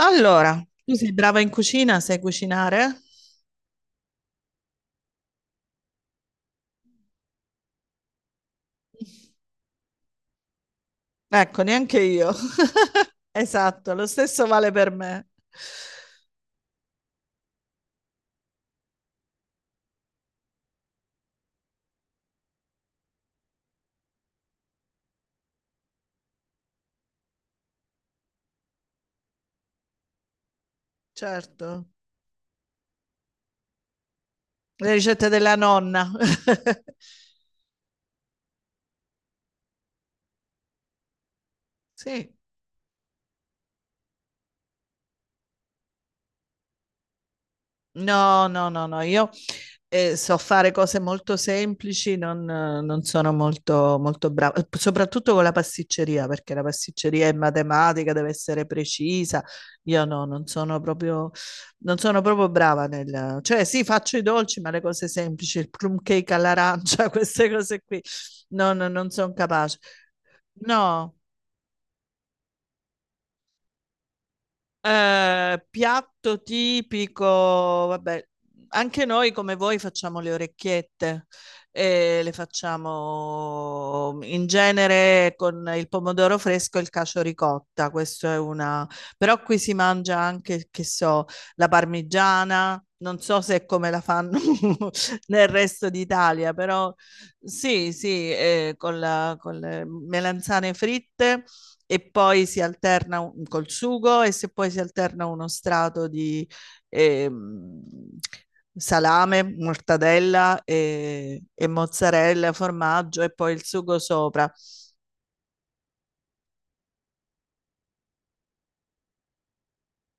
Allora, tu sei brava in cucina, sai cucinare? Ecco, neanche io. Esatto, lo stesso vale per me. Certo, le ricette della nonna. Sì, no, no, no, no, io so fare cose molto semplici, non sono molto brava, soprattutto con la pasticceria, perché la pasticceria è matematica, deve essere precisa. Io no, non sono proprio brava nel... Cioè sì, faccio i dolci, ma le cose semplici, il plum cake all'arancia, queste cose qui, no, no, non sono capace. No. Piatto tipico, vabbè, anche noi come voi facciamo le orecchiette e le facciamo in genere con il pomodoro fresco e il cacio ricotta, questo è una... però qui si mangia anche, che so, la parmigiana, non so se è come la fanno nel resto d'Italia, però sì, sì, con con le melanzane fritte e poi si alterna un, col sugo e se poi si alterna uno strato di ehm, salame, mortadella e mozzarella, formaggio e poi il sugo sopra.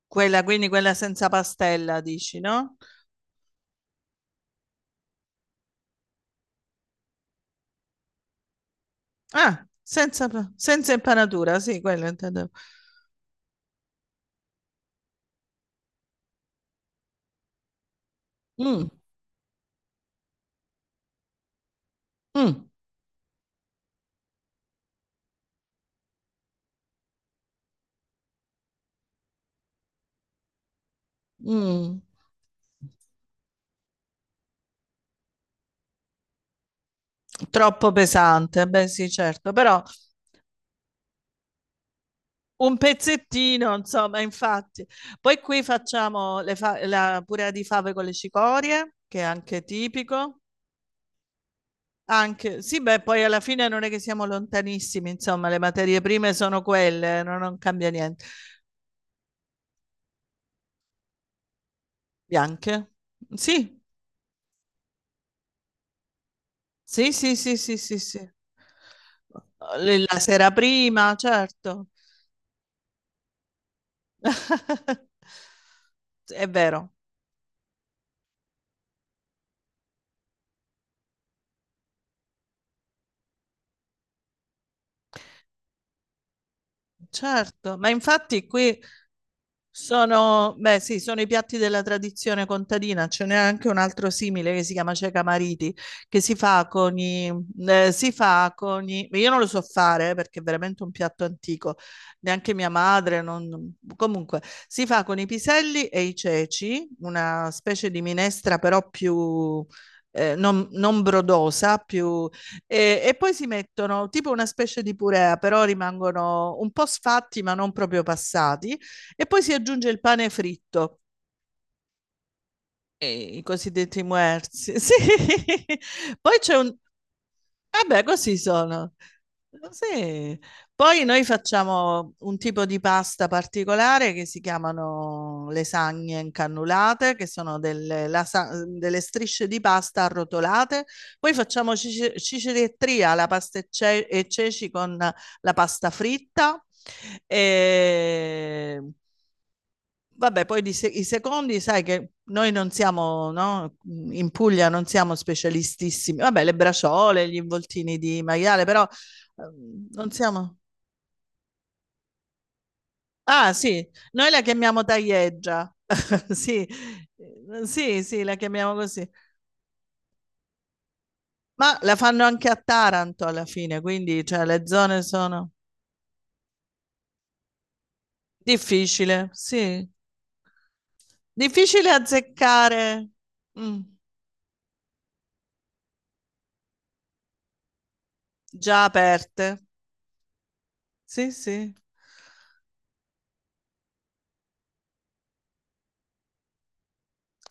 Quella, quindi quella senza pastella, dici, no? Ah, senza, senza impanatura, sì, quella intendevo. Mm, mm, mm. Troppo pesante, beh sì, certo, però un pezzettino, insomma, infatti. Poi qui facciamo la purea di fave con le cicorie, che è anche tipico. Anche, sì, beh, poi alla fine non è che siamo lontanissimi, insomma, le materie prime sono quelle, non cambia niente. Bianche? Sì, sì, sì, sì, sì, sì, sì. La sera prima, certo. È vero, certo, ma infatti qui sono, beh, sì, sono i piatti della tradizione contadina, ce n'è anche un altro simile che si chiama cieca mariti, che si fa con i, si fa con i, io non lo so fare perché è veramente un piatto antico, neanche mia madre, comunque, si fa con i piselli e i ceci, una specie di minestra però più, non brodosa, più, e poi si mettono tipo una specie di purea, però rimangono un po' sfatti ma non proprio passati e poi si aggiunge il pane fritto, e i cosiddetti muerzi. Sì. Poi c'è un... Vabbè, così sono. Sì. Poi noi facciamo un tipo di pasta particolare che si chiamano lasagne incannulate, che sono delle strisce di pasta arrotolate. Poi facciamo cicerettria alla pasta e ceci con la pasta fritta. E... Vabbè, poi di i secondi, sai che noi non siamo, no? In Puglia non siamo specialistissimi. Vabbè, le braciole, gli involtini di maiale, però non siamo... Ah, sì, noi la chiamiamo taglieggia. Sì, sì, sì, la chiamiamo così. Ma la fanno anche a Taranto alla fine, quindi cioè, le zone sono difficile, sì. Difficile azzeccare mm, già aperte. Sì, sì.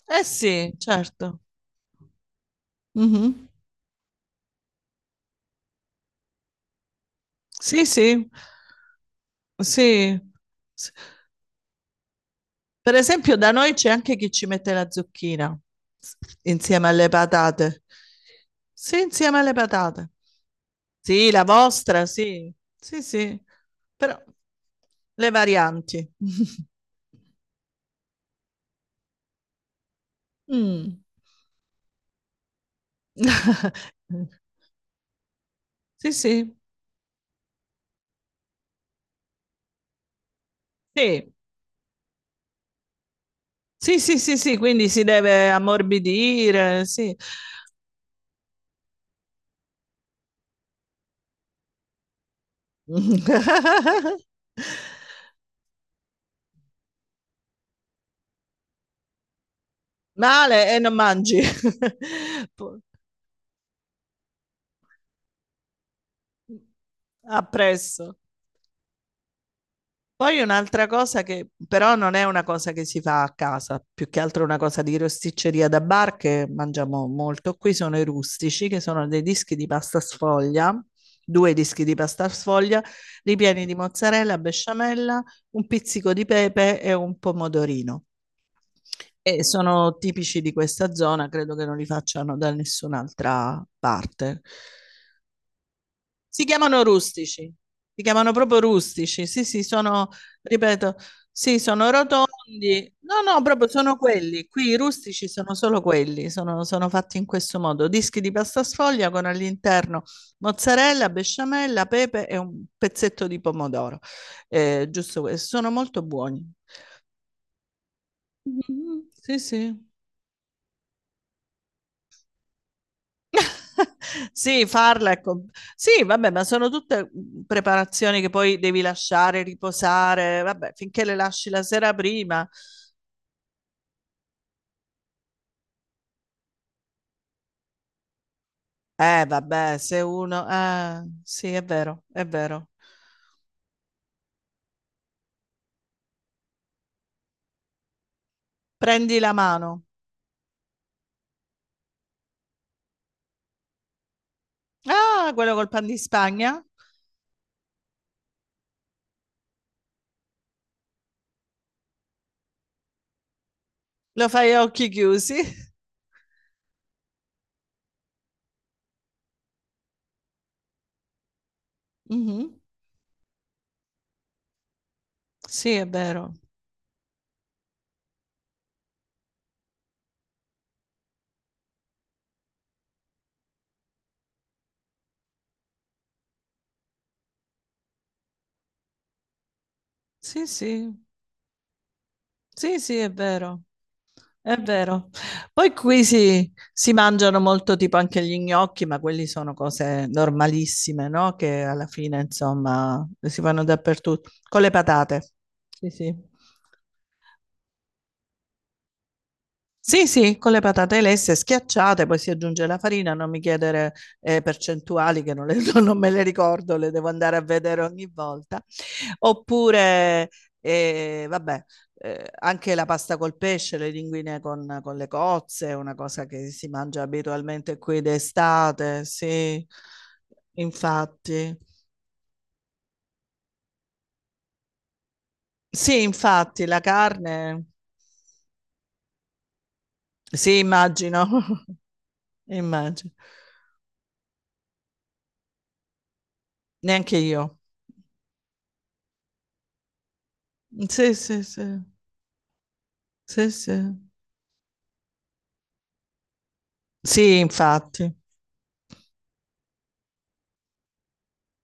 Eh sì, certo. Mh-mh. Sì, sì. Sì. S Per esempio da noi c'è anche chi ci mette la zucchina s insieme alle patate. Sì, insieme alle patate. Sì, la vostra, sì. Sì, sì. Però le varianti. Mh. Mh. Sì, sì. Sì. Sì, sì, sì, sì, quindi si deve ammorbidire, sì. Male e non mangi. Po- Appresso. Poi un'altra cosa che però non è una cosa che si fa a casa, più che altro una cosa di rosticceria da bar che mangiamo molto qui, sono i rustici, che sono dei dischi di pasta sfoglia, due dischi di pasta sfoglia, ripieni di mozzarella, besciamella, un pizzico di pepe e un pomodorino. E sono tipici di questa zona, credo che non li facciano da nessun'altra parte. Si chiamano rustici, si chiamano proprio rustici. Sì, sì, sono, ripeto, sì, sono rotondi. No, no, proprio sono quelli. Qui i rustici sono solo quelli, sono, sono fatti in questo modo. Dischi di pasta sfoglia con all'interno mozzarella, besciamella, pepe e un pezzetto di pomodoro. Giusto questo. Sono molto buoni. Mhm, sì, sì. Sì, farla è com- sì, vabbè, ma sono tutte preparazioni che poi devi lasciare riposare, vabbè, finché le lasci la sera prima. Vabbè, se uno... sì, è vero, è vero. Prendi la mano. Ah, quello col pan di Spagna? Lo fai a occhi chiusi? Mhm. Sì, è vero. Sì, sì. Sì, sì, è vero. È vero. Poi qui si mangiano molto tipo anche gli gnocchi, ma quelli sono cose normalissime, no? Che alla fine, insomma, si fanno dappertutto. Con le patate. Sì, sì. Sì, sì, con le patate lesse schiacciate, poi si aggiunge la farina, non mi chiedere percentuali che non, le- non me le ricordo, le devo andare a vedere ogni volta. Oppure, vabbè, anche la pasta col pesce, le linguine con le cozze, una cosa che si mangia abitualmente qui d'estate, sì, infatti. Sì, infatti, la carne, sì, immagino, immagino. Neanche io. Sì, sì, sì, sì, sì. Sì, infatti.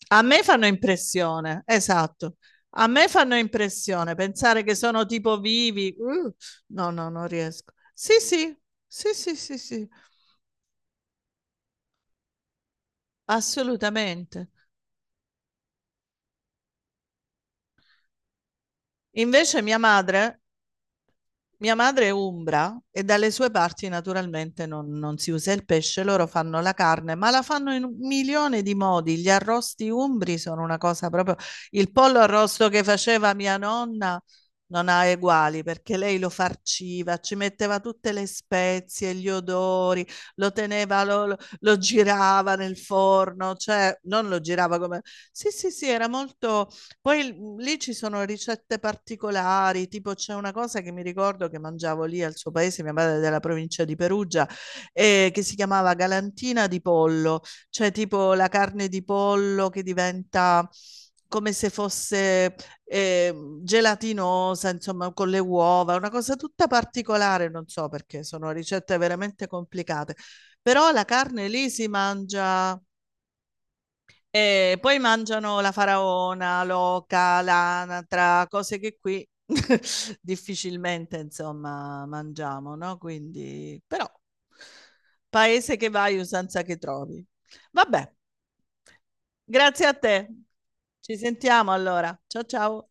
A me fanno impressione, esatto. A me fanno impressione pensare che sono tipo vivi. No, no, non riesco. Sì, sì, sì, sì, sì, sì, assolutamente. Invece mia madre è umbra e dalle sue parti naturalmente non si usa il pesce, loro fanno la carne, ma la fanno in un milione di modi. Gli arrosti umbri sono una cosa proprio... Il pollo arrosto che faceva mia nonna non ha uguali perché lei lo farciva, ci metteva tutte le spezie, gli odori, lo teneva, lo girava nel forno, cioè non lo girava come... Sì, sì, sì, era molto... Poi mm, lì ci sono ricette particolari, tipo c'è una cosa che mi ricordo che mangiavo lì al suo paese, mia madre è della provincia di Perugia, che si chiamava galantina di pollo, cioè tipo la carne di pollo che diventa come se fosse gelatinosa, insomma, con le uova, una cosa tutta particolare, non so perché, sono ricette veramente complicate. Però la carne lì si mangia, e poi mangiano la faraona, l'oca, l'anatra, cose che qui difficilmente, insomma, mangiamo, no? Quindi, però, paese che vai, usanza che trovi. Vabbè, grazie a te. Ci sentiamo allora. Ciao ciao.